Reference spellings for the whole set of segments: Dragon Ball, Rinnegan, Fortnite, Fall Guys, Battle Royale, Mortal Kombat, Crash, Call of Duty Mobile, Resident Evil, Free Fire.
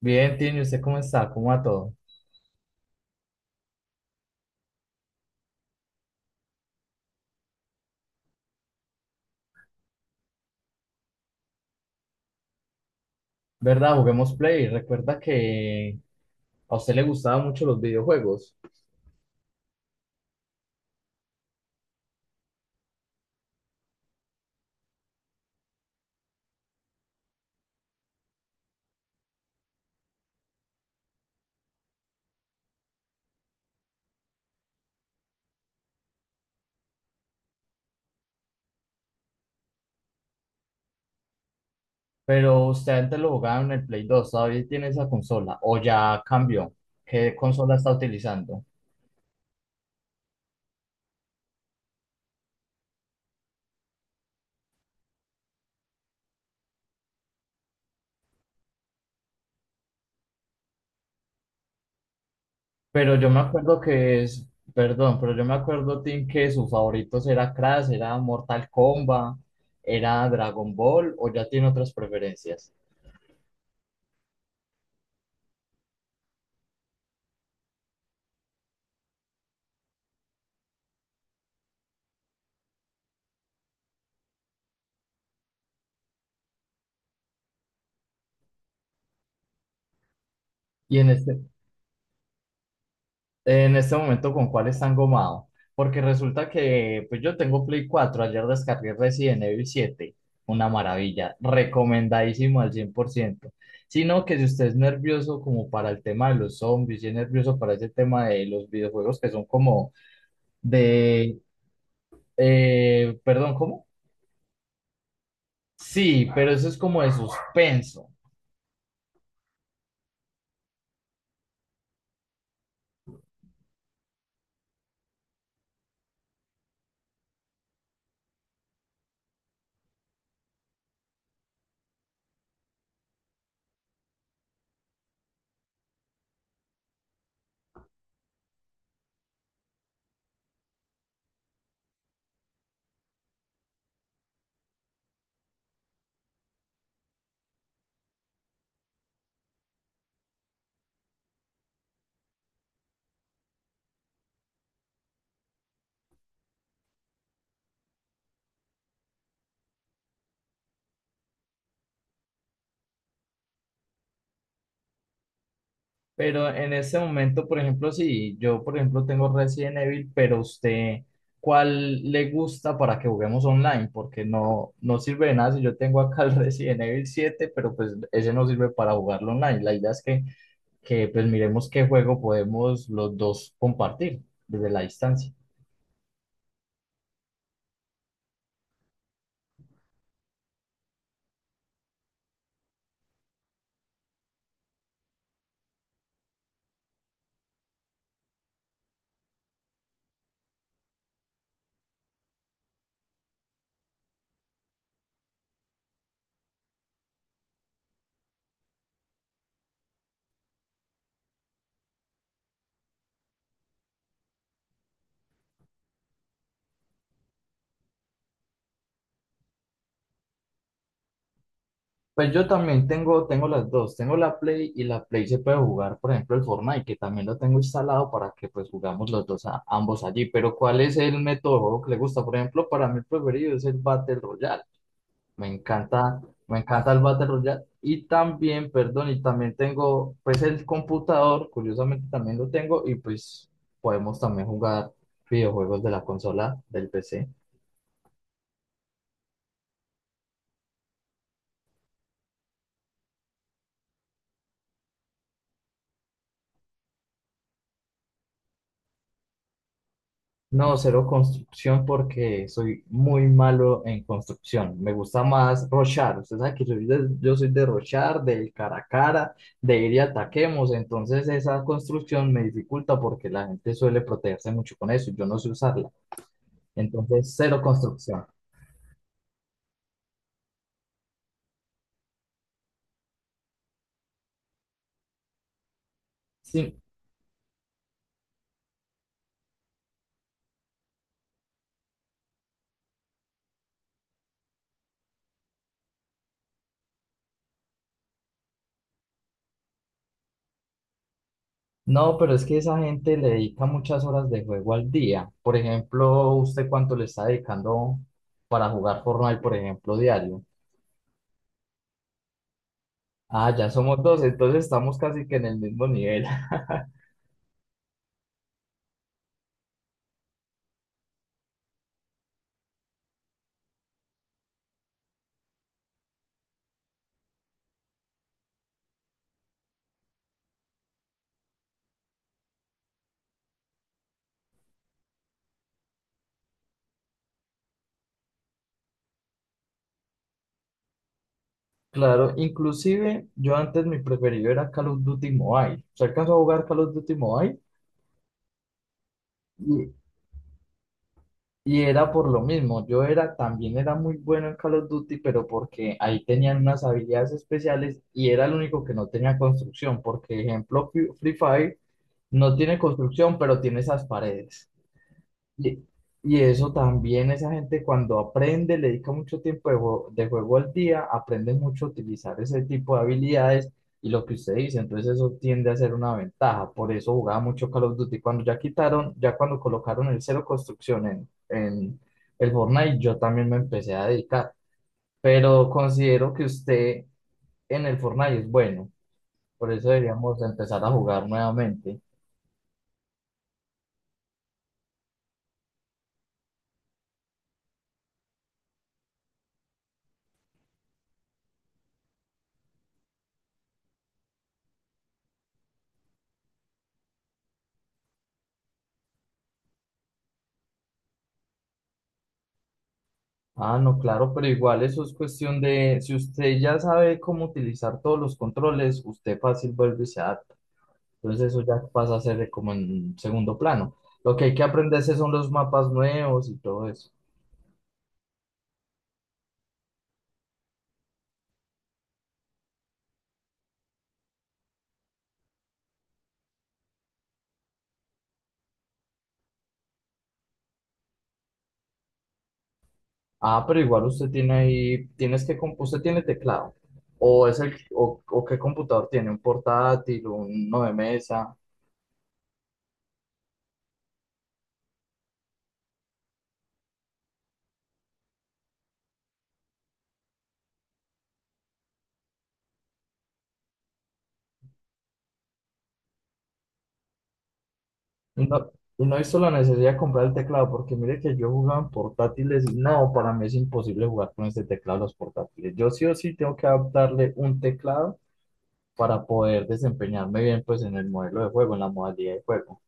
Bien, Tini, ¿usted cómo está? ¿Cómo va todo? ¿Verdad? Juguemos Play. Recuerda que a usted le gustaban mucho los videojuegos, pero usted antes lo jugaba en el Play 2. ¿Todavía tiene esa consola? ¿O ya cambió? ¿Qué consola está utilizando? Pero yo me acuerdo que es, Perdón, pero yo me acuerdo, Tim, que sus favoritos era Crash, era Mortal Kombat, era Dragon Ball, o ya tiene otras preferencias. Y en este, En este momento, ¿con cuál están gomado? Porque resulta que pues yo tengo Play 4, ayer descargué Resident Evil 7, una maravilla, recomendadísimo al 100%. Sino que si usted es nervioso como para el tema de los zombies y es nervioso para ese tema de los videojuegos que son como de... perdón, ¿cómo? Sí, pero eso es como de suspenso. Pero en este momento, por ejemplo, si yo, por ejemplo, tengo Resident Evil, pero usted, ¿cuál le gusta para que juguemos online? Porque no, no sirve de nada si yo tengo acá el Resident Evil 7, pero pues ese no sirve para jugarlo online. La idea es que pues miremos qué juego podemos los dos compartir desde la distancia. Pues yo también tengo las dos, tengo la Play, y la Play se puede jugar, por ejemplo, el Fortnite, que también lo tengo instalado para que pues jugamos los dos ambos allí, pero ¿cuál es el método de juego que le gusta? Por ejemplo, para mí el preferido es el Battle Royale, me encanta. Me encanta el Battle Royale, y también, perdón, y también tengo pues el computador, curiosamente también lo tengo, y pues podemos también jugar videojuegos de la consola del PC. No, cero construcción porque soy muy malo en construcción. Me gusta más rochar. Usted sabe que soy yo soy de rochar, del cara a cara, de ir y ataquemos. Entonces esa construcción me dificulta porque la gente suele protegerse mucho con eso. Yo no sé usarla. Entonces cero construcción. Sí. No, pero es que esa gente le dedica muchas horas de juego al día. Por ejemplo, ¿usted cuánto le está dedicando para jugar Fortnite, por ejemplo, diario? Ah, ya somos dos, entonces estamos casi que en el mismo nivel. Claro, inclusive yo antes mi preferido era Call of Duty Mobile. Se alcanzó a jugar Call of Duty Mobile y, y era por lo mismo. Yo era, también era muy bueno en Call of Duty, pero porque ahí tenían unas habilidades especiales y era el único que no tenía construcción. Porque, ejemplo, Free Fire no tiene construcción, pero tiene esas paredes. Y, y eso también, esa gente cuando aprende, le dedica mucho tiempo de juego al día, aprende mucho a utilizar ese tipo de habilidades, y lo que usted dice, entonces eso tiende a ser una ventaja. Por eso jugaba mucho Call of Duty. Cuando ya quitaron, ya cuando colocaron el cero construcción en el Fortnite, yo también me empecé a dedicar. Pero considero que usted en el Fortnite es bueno, por eso deberíamos empezar a jugar nuevamente. Ah, no, claro, pero igual eso es cuestión de, si usted ya sabe cómo utilizar todos los controles, usted fácil vuelve y se adapta. Entonces eso ya pasa a ser de como en segundo plano. Lo que hay que aprenderse son los mapas nuevos y todo eso. Ah, pero igual usted tiene ahí, tienes usted tiene teclado. O es el, o qué computador tiene, un portátil, uno de mesa. No, y no he visto la necesidad de comprar el teclado, porque mire que yo jugaba en portátiles y no, para mí es imposible jugar con este teclado los portátiles. Yo sí o sí tengo que adaptarle un teclado para poder desempeñarme bien pues en el modelo de juego, en la modalidad de juego.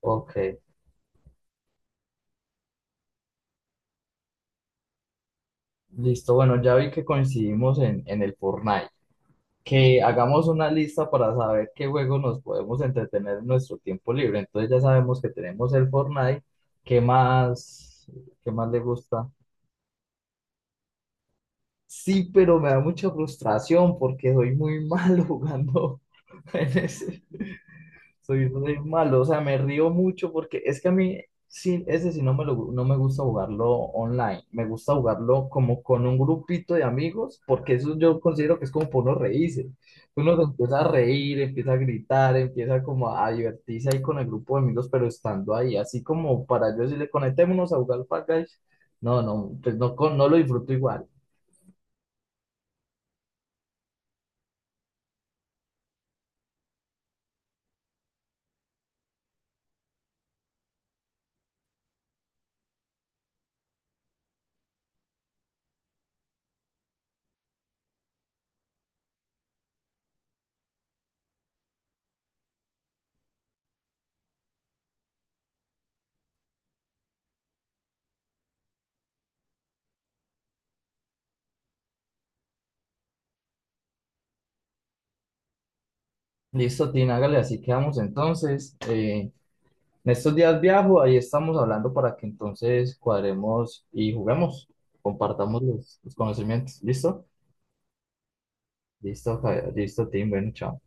Ok, listo. Bueno, ya vi que coincidimos en el Fortnite. Que hagamos una lista para saber qué juegos nos podemos entretener en nuestro tiempo libre. Entonces ya sabemos que tenemos el Fortnite. ¿Qué más, qué más le gusta? Sí, pero me da mucha frustración porque soy muy malo jugando en ese. Soy, soy malo, o sea, me río mucho porque es que a mí, sí, ese sí no me, no me gusta jugarlo online. Me gusta jugarlo como con un grupito de amigos porque eso yo considero que es como por uno reírse. Uno se empieza a reír, empieza a gritar, empieza como a divertirse ahí con el grupo de amigos, pero estando ahí, así como para yo decirle, conectémonos a jugar Fall Guys. No, no, pues no, no lo disfruto igual. Listo, Tina, hágale, así quedamos entonces. En estos días viajo, ahí estamos hablando para que entonces cuadremos y juguemos, compartamos los conocimientos. ¿Listo? Listo, listo, Tim, bueno, chao.